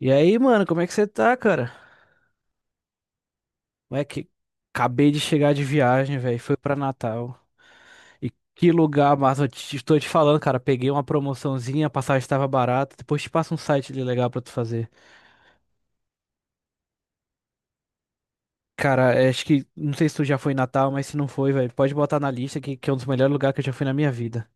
E aí, mano, como é que você tá, cara? Como é que acabei de chegar de viagem, velho. Foi pra Natal. E que lugar, mas estou te falando, cara. Peguei uma promoçãozinha, a passagem estava barata. Depois te passo um site ali legal pra tu fazer. Cara, é, acho que não sei se tu já foi em Natal, mas se não foi, velho, pode botar na lista que é um dos melhores lugares que eu já fui na minha vida.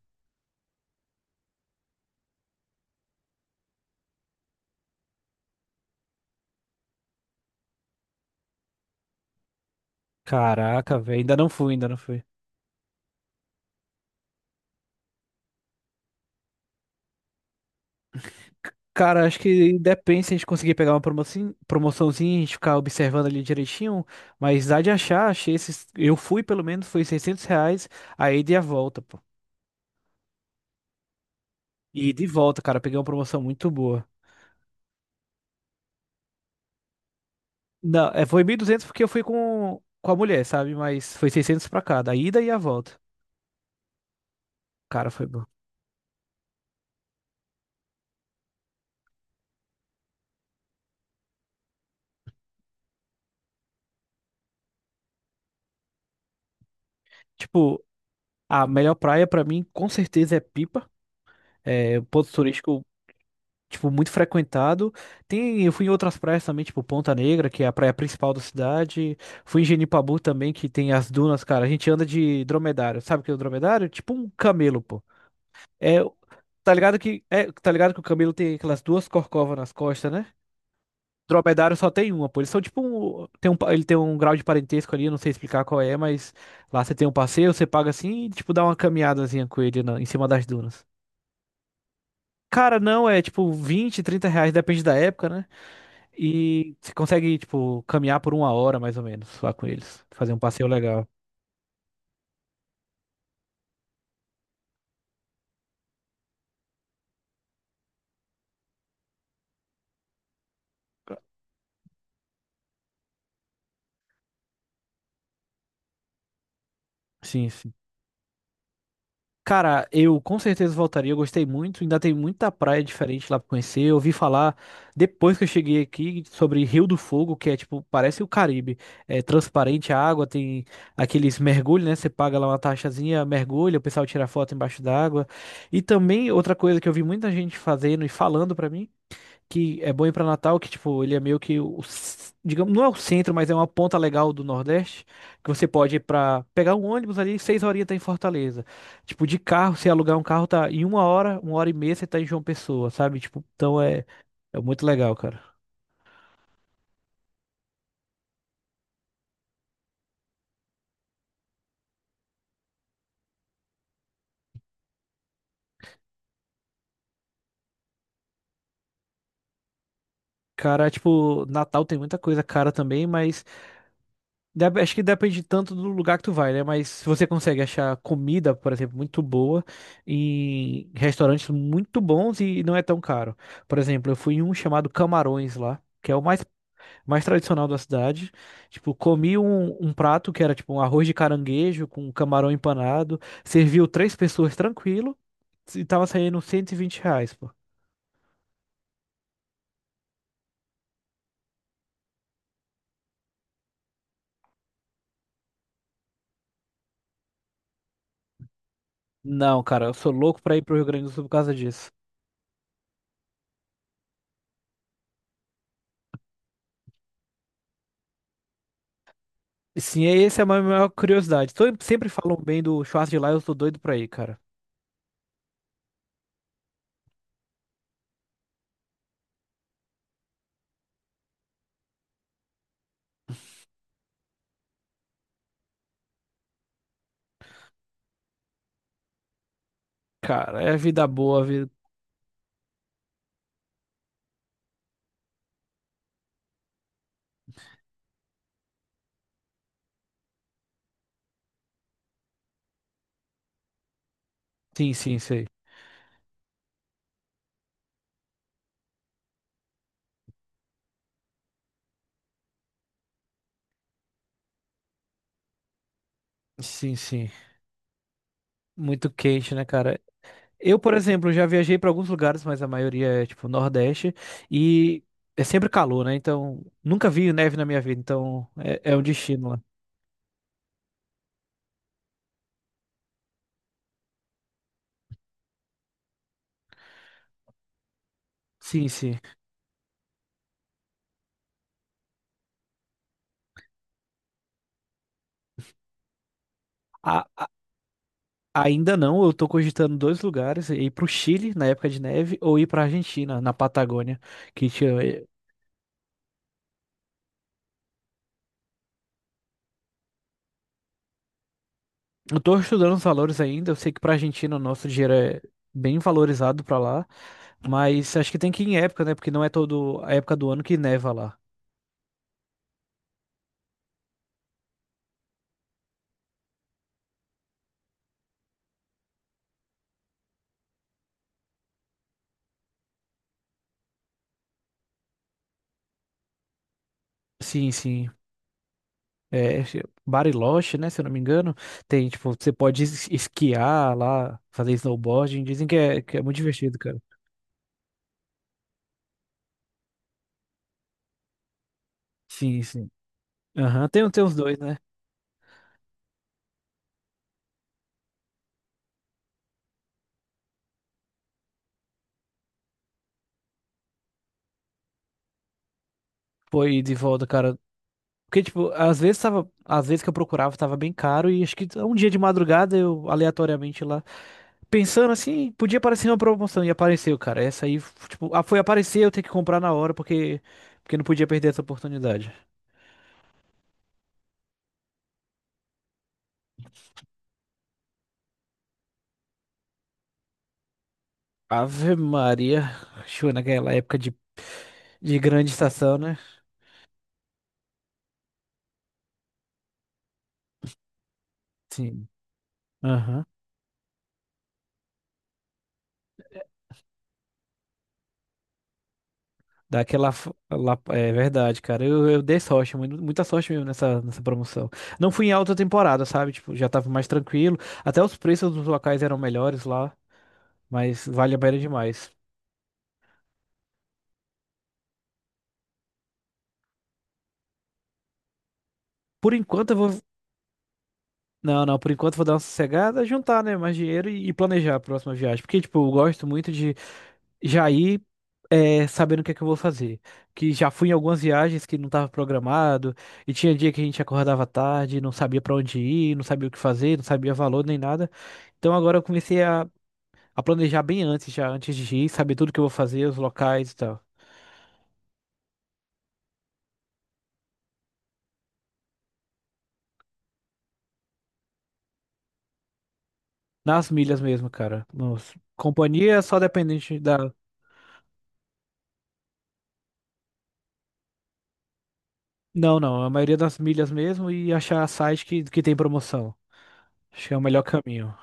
Caraca, velho, ainda não fui, ainda não fui. Cara, acho que depende se a gente conseguir pegar uma promoção, promoçãozinha, a gente ficar observando ali direitinho, mas dá de achar, achei esses, eu fui pelo menos, foi R$ 600 a ida e a volta, pô. E de volta, cara, peguei uma promoção muito boa. Não, é, foi 1.200 porque eu fui com a mulher, sabe? Mas foi 600 pra cada, a ida e a volta. Cara, foi bom. Tipo, a melhor praia pra mim, com certeza, é Pipa. É um ponto turístico tipo, muito frequentado. Tem, eu fui em outras praias também, tipo Ponta Negra, que é a praia principal da cidade. Fui em Genipabu também, que tem as dunas, cara. A gente anda de dromedário. Sabe o que é o dromedário? Tipo um camelo, pô. É, tá ligado que o camelo tem aquelas duas corcovas nas costas, né? Dromedário só tem uma, pô. Eles são tipo um, ele tem um grau de parentesco ali, eu não sei explicar qual é, mas lá você tem um passeio, você paga assim e tipo dá uma caminhadazinha com ele em cima das dunas. Cara, não, é tipo 20 30 reais, depende da época, né? E você consegue, tipo, caminhar por uma hora mais ou menos lá com eles. Fazer um passeio legal. Sim, sim. Cara, eu com certeza voltaria. Eu gostei muito. Ainda tem muita praia diferente lá pra conhecer. Eu ouvi falar, depois que eu cheguei aqui, sobre Rio do Fogo, que é tipo, parece o Caribe. É transparente a água, tem aqueles mergulhos, né? Você paga lá uma taxazinha, mergulha, o pessoal tira foto embaixo d'água. E também outra coisa que eu vi muita gente fazendo e falando pra mim. Que é bom ir pra Natal, que tipo, ele é meio que digamos, não é o centro, mas é uma ponta legal do Nordeste, que você pode ir pra pegar um ônibus ali, 6 horinhas tá em Fortaleza. Tipo, de carro, se alugar um carro, tá em uma hora e meia você tá em João Pessoa, sabe? Tipo, então é muito legal, cara. Cara, tipo, Natal tem muita coisa cara também, mas acho que depende tanto do lugar que tu vai, né? Mas se você consegue achar comida, por exemplo, muito boa em restaurantes muito bons e não é tão caro. Por exemplo, eu fui em um chamado Camarões lá, que é o mais tradicional da cidade. Tipo, comi um prato que era tipo um arroz de caranguejo com camarão empanado, serviu três pessoas tranquilo e tava saindo R$ 120, pô. Não, cara, eu sou louco pra ir pro Rio Grande do Sul por causa disso. Sim, essa é a minha maior curiosidade. Sempre falam bem do Schwarz de lá, eu tô doido pra ir, cara. Cara, é vida boa. Sim, sim, sei. Sim, sim. Muito quente, né, cara? Eu, por exemplo, já viajei pra alguns lugares, mas a maioria é, tipo, Nordeste. E é sempre calor, né? Então, nunca vi neve na minha vida. Então, é um destino lá. Sim, sim. A- ainda não, eu tô cogitando dois lugares. Ir pro Chile, na época de neve, ou ir pra Argentina, na Patagônia. Que tinha. Eu tô estudando os valores ainda. Eu sei que pra Argentina o nosso dinheiro é bem valorizado pra lá, mas acho que tem que ir em época, né? Porque não é toda a época do ano que neva lá. Sim, sim. É, acho que Bariloche, né? Se eu não me engano, tem, tipo, você pode esquiar lá, fazer snowboarding. Dizem que é muito divertido, cara. Sim, sim. Aham. Tem os dois, né? Pô, e de volta, cara. Porque, tipo, às vezes que eu procurava, tava bem caro e acho que um dia de madrugada eu aleatoriamente lá. Pensando assim, podia aparecer uma promoção e apareceu, cara. Essa aí, tipo, ah, foi aparecer, eu tenho que comprar na hora porque não podia perder essa oportunidade. Ave Maria, show naquela época de grande estação, né? Sim. Aham. Daquela lá, é verdade, cara. Eu dei sorte, muita sorte mesmo nessa promoção. Não fui em alta temporada, sabe? Tipo, já tava mais tranquilo. Até os preços dos locais eram melhores lá, mas vale a pena demais. Por enquanto, eu vou. Não, não, por enquanto vou dar uma sossegada, juntar, né, mais dinheiro e planejar a próxima viagem. Porque, tipo, eu gosto muito de já ir sabendo o que é que eu vou fazer. Que já fui em algumas viagens que não estava programado, e tinha dia que a gente acordava tarde, não sabia pra onde ir, não sabia o que fazer, não sabia valor nem nada. Então agora eu comecei a planejar bem antes, já antes de ir, saber tudo que eu vou fazer, os locais e tal. Nas milhas mesmo, cara. Companhia é só dependente da. Não, não, a maioria das milhas mesmo e achar site que tem promoção. Acho que é o melhor caminho.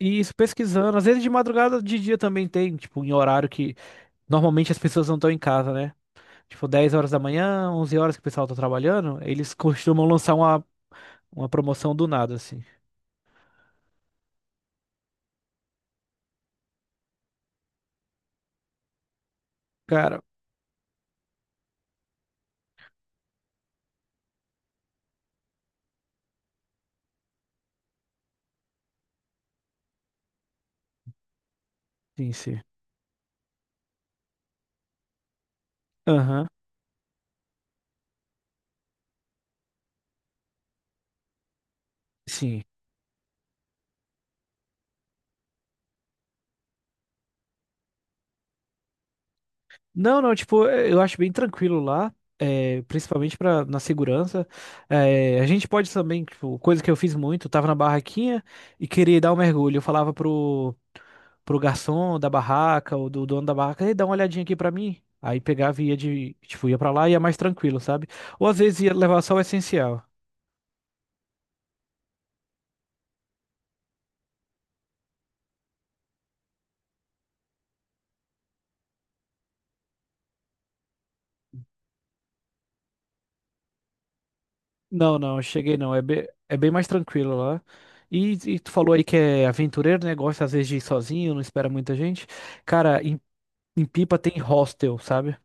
E isso pesquisando, às vezes de madrugada, de dia também tem, tipo, em horário que normalmente as pessoas não estão em casa, né? Tipo, 10 horas da manhã, 11 horas que o pessoal tá trabalhando, eles costumam lançar uma promoção do nada, assim. Cara, sim, sim. Aham, sim. Não, não, tipo, eu acho bem tranquilo lá, principalmente na segurança. É, a gente pode também, tipo, coisa que eu fiz muito, eu tava na barraquinha e queria dar um mergulho. Eu falava pro garçom da barraca ou do dono da barraca, Ei, dá uma olhadinha aqui pra mim. Aí pegava e tipo, ia pra lá e ia mais tranquilo, sabe? Ou às vezes ia levar só o essencial. Não, não, cheguei não. É bem mais tranquilo lá. E tu falou aí que é aventureiro, né? Gosta às vezes de ir sozinho, não espera muita gente. Cara, em Pipa tem hostel, sabe?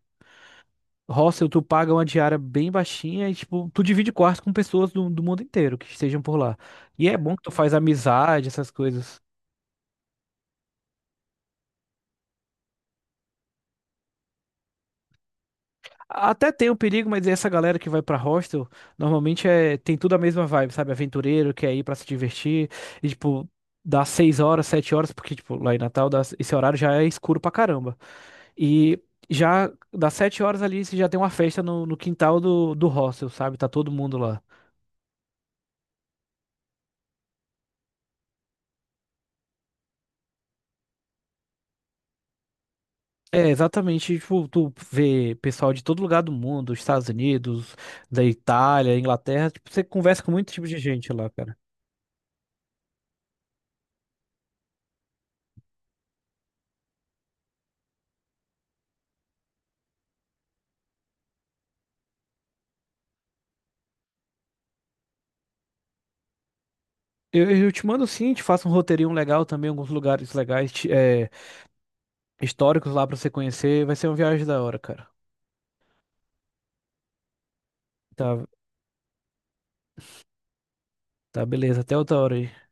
Hostel, tu paga uma diária bem baixinha e, tipo, tu divide quarto com pessoas do mundo inteiro que estejam por lá. E é bom que tu faz amizade, essas coisas. Até tem um perigo, mas essa galera que vai pra hostel, normalmente tem tudo a mesma vibe, sabe? Aventureiro, quer ir pra se divertir, e tipo, dá 6 horas, 7 horas, porque tipo, lá em Natal, esse horário já é escuro pra caramba. E já das 7 horas ali, você já tem uma festa no quintal do hostel, sabe? Tá todo mundo lá. É, exatamente, tipo, tu vê pessoal de todo lugar do mundo, Estados Unidos, da Itália, Inglaterra, tipo, você conversa com muito tipo de gente lá, cara. Eu te mando sim, te faço um roteirinho legal também, alguns lugares legais, históricos lá pra você conhecer. Vai ser uma viagem da hora, cara. Tá, tá, beleza. Até outra hora aí.